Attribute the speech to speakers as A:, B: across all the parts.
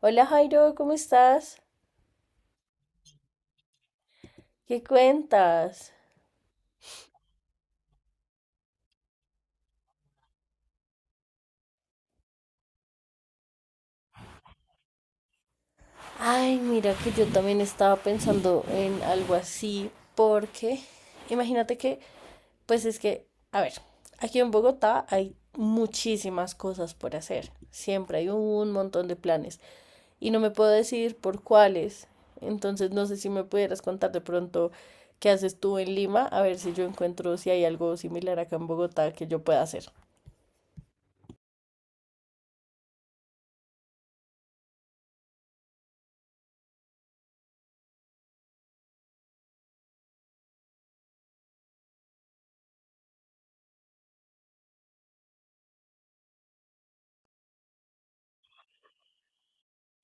A: Hola Jairo, ¿cómo estás? ¿Qué cuentas? Ay, mira que yo también estaba pensando en algo así, porque imagínate que, pues es que, a ver, aquí en Bogotá hay muchísimas cosas por hacer, siempre hay un montón de planes y no me puedo decidir por cuáles, entonces no sé si me pudieras contar de pronto qué haces tú en Lima, a ver si yo encuentro si hay algo similar acá en Bogotá que yo pueda hacer.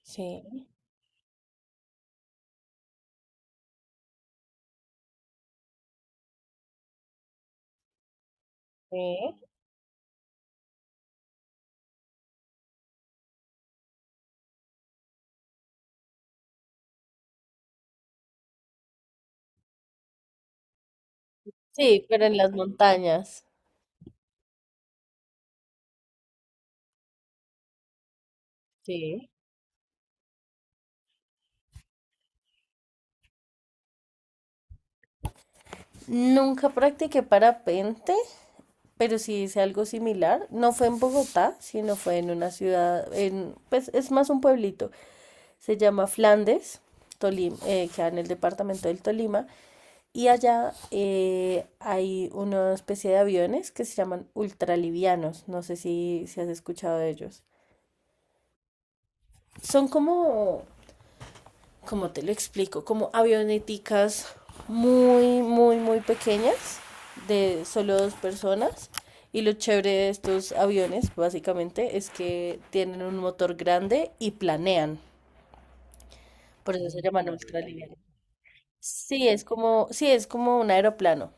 A: Sí. Sí, pero en las montañas. Sí. Nunca practiqué parapente, pero sí hice algo similar. No fue en Bogotá, sino fue en una ciudad, pues es más un pueblito. Se llama Flandes, Tolima, queda en el departamento del Tolima. Y allá hay una especie de aviones que se llaman ultralivianos. No sé si has escuchado de ellos. Son como ¿cómo te lo explico? Como avioneticas muy, muy, muy pequeñas de solo dos personas. Y lo chévere de estos aviones, básicamente, es que tienen un motor grande y planean. Por eso se llaman ultralivianos. Sí, es como un aeroplano,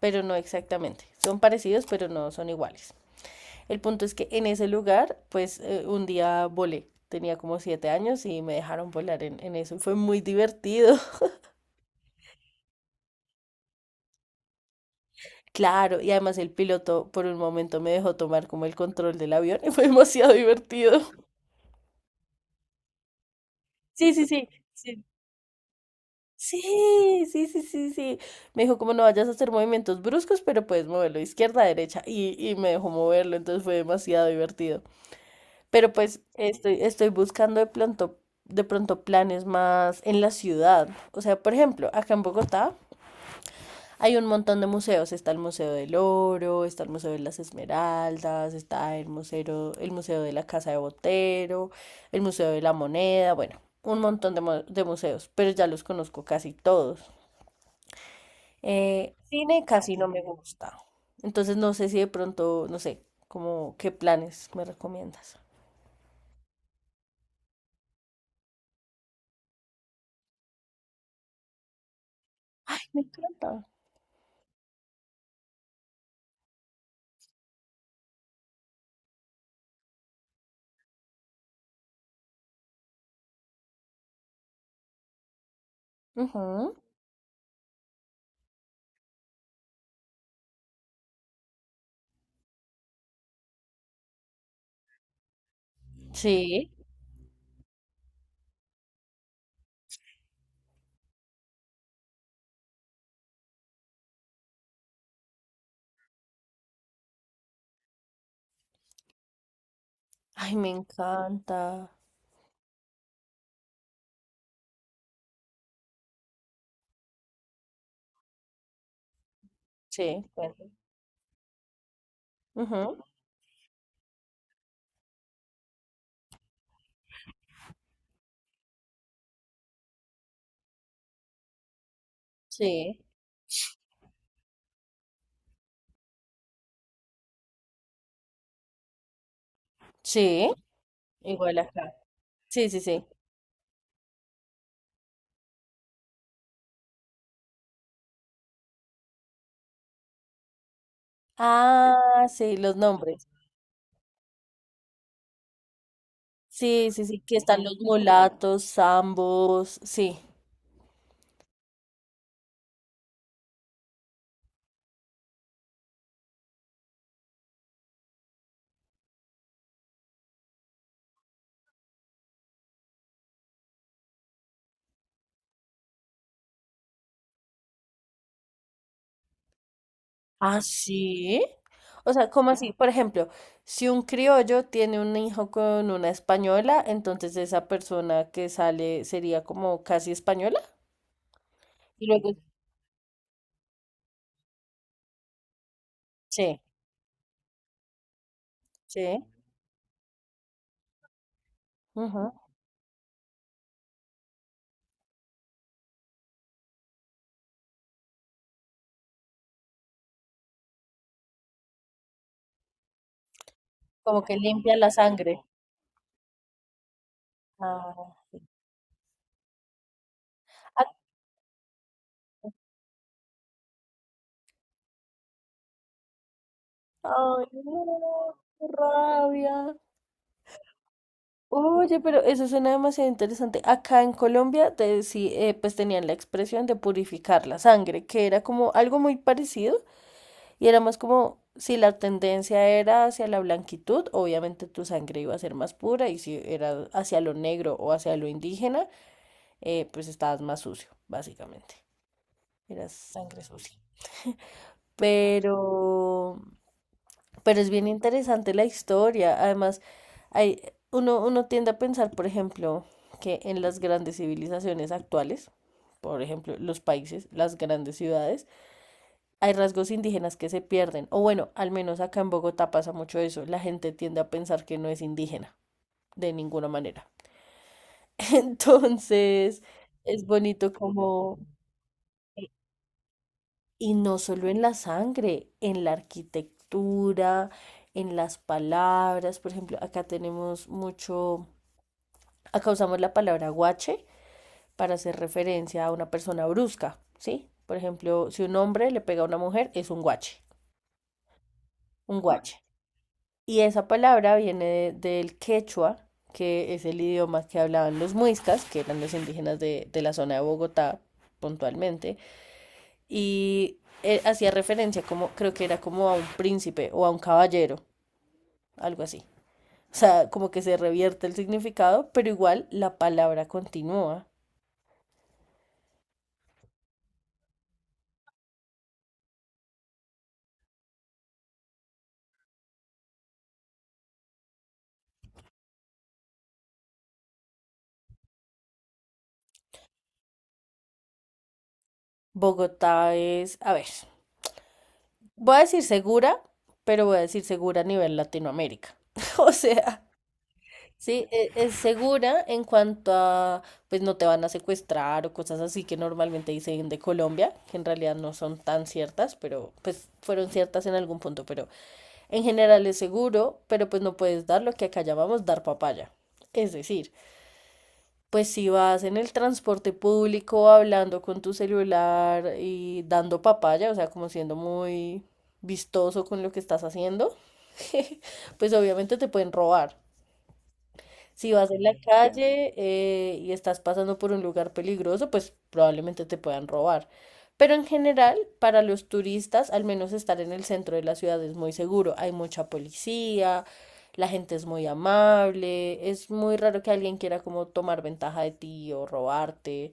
A: pero no exactamente. Son parecidos, pero no son iguales. El punto es que en ese lugar, pues un día volé. Tenía como 7 años y me dejaron volar en eso. Y fue muy divertido. Claro, y además el piloto por un momento me dejó tomar como el control del avión y fue demasiado divertido. Sí, sí, sí, sí. Sí, sí, sí, sí, sí. Me dijo como no vayas a hacer movimientos bruscos, pero puedes moverlo izquierda, derecha y me dejó moverlo, entonces fue demasiado divertido. Pero pues estoy buscando de pronto planes más en la ciudad. O sea, por ejemplo, acá en Bogotá. Hay un montón de museos, está el Museo del Oro, está el Museo de las Esmeraldas, está el Museo de la Casa de Botero, el Museo de la Moneda, bueno, un montón de museos, pero ya los conozco casi todos. Cine casi no me gusta, entonces no sé si de pronto, no sé, como qué planes me recomiendas. Ay, me encanta. Ujú, sí. Ay, me encanta. Sí, bueno. Ujú, sí. Sí. Igual acá. Sí, sí, sí. Ah, sí, los nombres. Sí, sí, sí, que están los mulatos, zambos, sí. Ah, sí. O sea, ¿cómo así? Por ejemplo, si un criollo tiene un hijo con una española, entonces esa persona que sale sería como casi española. Y luego, sí, sí. Ujú, como que limpia la sangre. Ah, sí. Ah, ay, no, qué rabia. Oye, pero eso suena demasiado interesante. Acá en Colombia pues tenían la expresión de purificar la sangre, que era como algo muy parecido y era más como si la tendencia era hacia la blanquitud, obviamente tu sangre iba a ser más pura y si era hacia lo negro o hacia lo indígena, pues estabas más sucio, básicamente. Eras sangre sucia. Pero Pero es bien interesante la historia. Además, hay, uno tiende a pensar, por ejemplo, que en las grandes civilizaciones actuales, por ejemplo, los países, las grandes ciudades, hay rasgos indígenas que se pierden. O bueno, al menos acá en Bogotá pasa mucho eso. La gente tiende a pensar que no es indígena, de ninguna manera. Entonces, es bonito como. Y no solo en la sangre, en la arquitectura, en las palabras. Por ejemplo, acá tenemos mucho, acá usamos la palabra guache para hacer referencia a una persona brusca, ¿sí? Por ejemplo, si un hombre le pega a una mujer, es un guache, un guache. Y esa palabra viene del quechua, que es el idioma que hablaban los muiscas, que eran los indígenas de la zona de Bogotá puntualmente. Y hacía referencia como, creo que era como a un príncipe o a un caballero, algo así. O sea, como que se revierte el significado, pero igual la palabra continúa. Bogotá es, a ver, voy a decir segura, pero voy a decir segura a nivel Latinoamérica. O sea, sí, es segura en cuanto a, pues no te van a secuestrar o cosas así que normalmente dicen de Colombia, que en realidad no son tan ciertas, pero pues fueron ciertas en algún punto, pero. En general es seguro, pero pues no puedes dar lo que acá llamamos dar papaya. Es decir, pues si vas en el transporte público hablando con tu celular y dando papaya, o sea, como siendo muy vistoso con lo que estás haciendo, pues obviamente te pueden robar. Si vas en la calle y estás pasando por un lugar peligroso, pues probablemente te puedan robar. Pero en general, para los turistas, al menos estar en el centro de la ciudad es muy seguro. Hay mucha policía, la gente es muy amable, es muy raro que alguien quiera como tomar ventaja de ti o robarte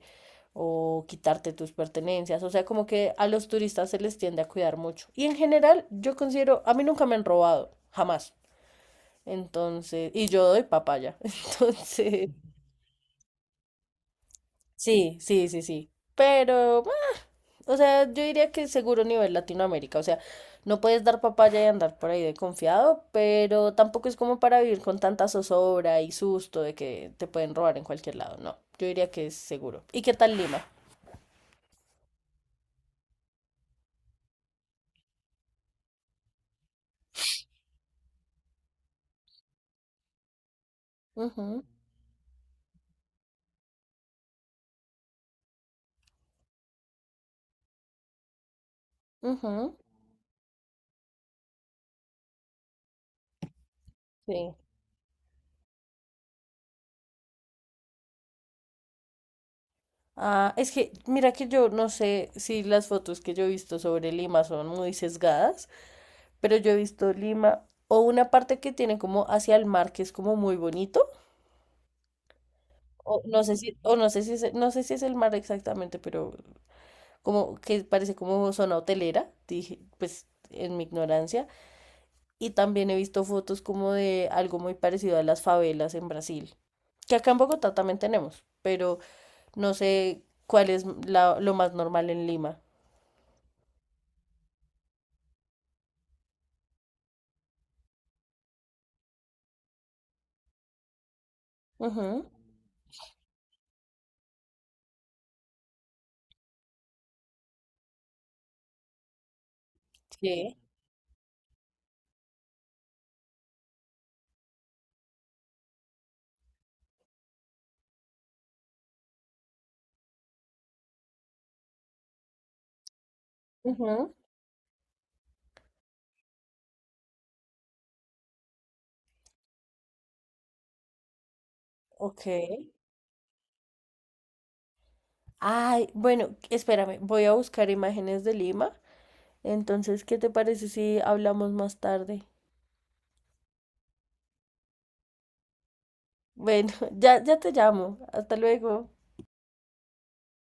A: o quitarte tus pertenencias. O sea, como que a los turistas se les tiende a cuidar mucho. Y en general, yo considero, a mí nunca me han robado, jamás. Entonces, y yo doy papaya. Entonces, sí, sí, sí, sí. Pero, bueno, o sea, yo diría que seguro nivel Latinoamérica. O sea, no puedes dar papaya y andar por ahí de confiado, pero tampoco es como para vivir con tanta zozobra y susto de que te pueden robar en cualquier lado. No, yo diría que es seguro. ¿Y qué tal Lima? Ujú, ujú, sí. Ah, es que, mira que yo no sé si las fotos que yo he visto sobre Lima son muy sesgadas. Pero yo he visto Lima o una parte que tiene como hacia el mar, que es como muy bonito. O no sé si es, no sé si es el mar exactamente, pero como que parece como zona hotelera, dije, pues en mi ignorancia. Y también he visto fotos como de algo muy parecido a las favelas en Brasil, que acá en Bogotá también tenemos, pero no sé cuál es lo más normal en Lima. Ujú, sí. Ujú, ok. Ay, bueno, espérame, voy a buscar imágenes de Lima. Entonces, ¿qué te parece si hablamos más tarde? Bueno, ya te llamo. Hasta luego.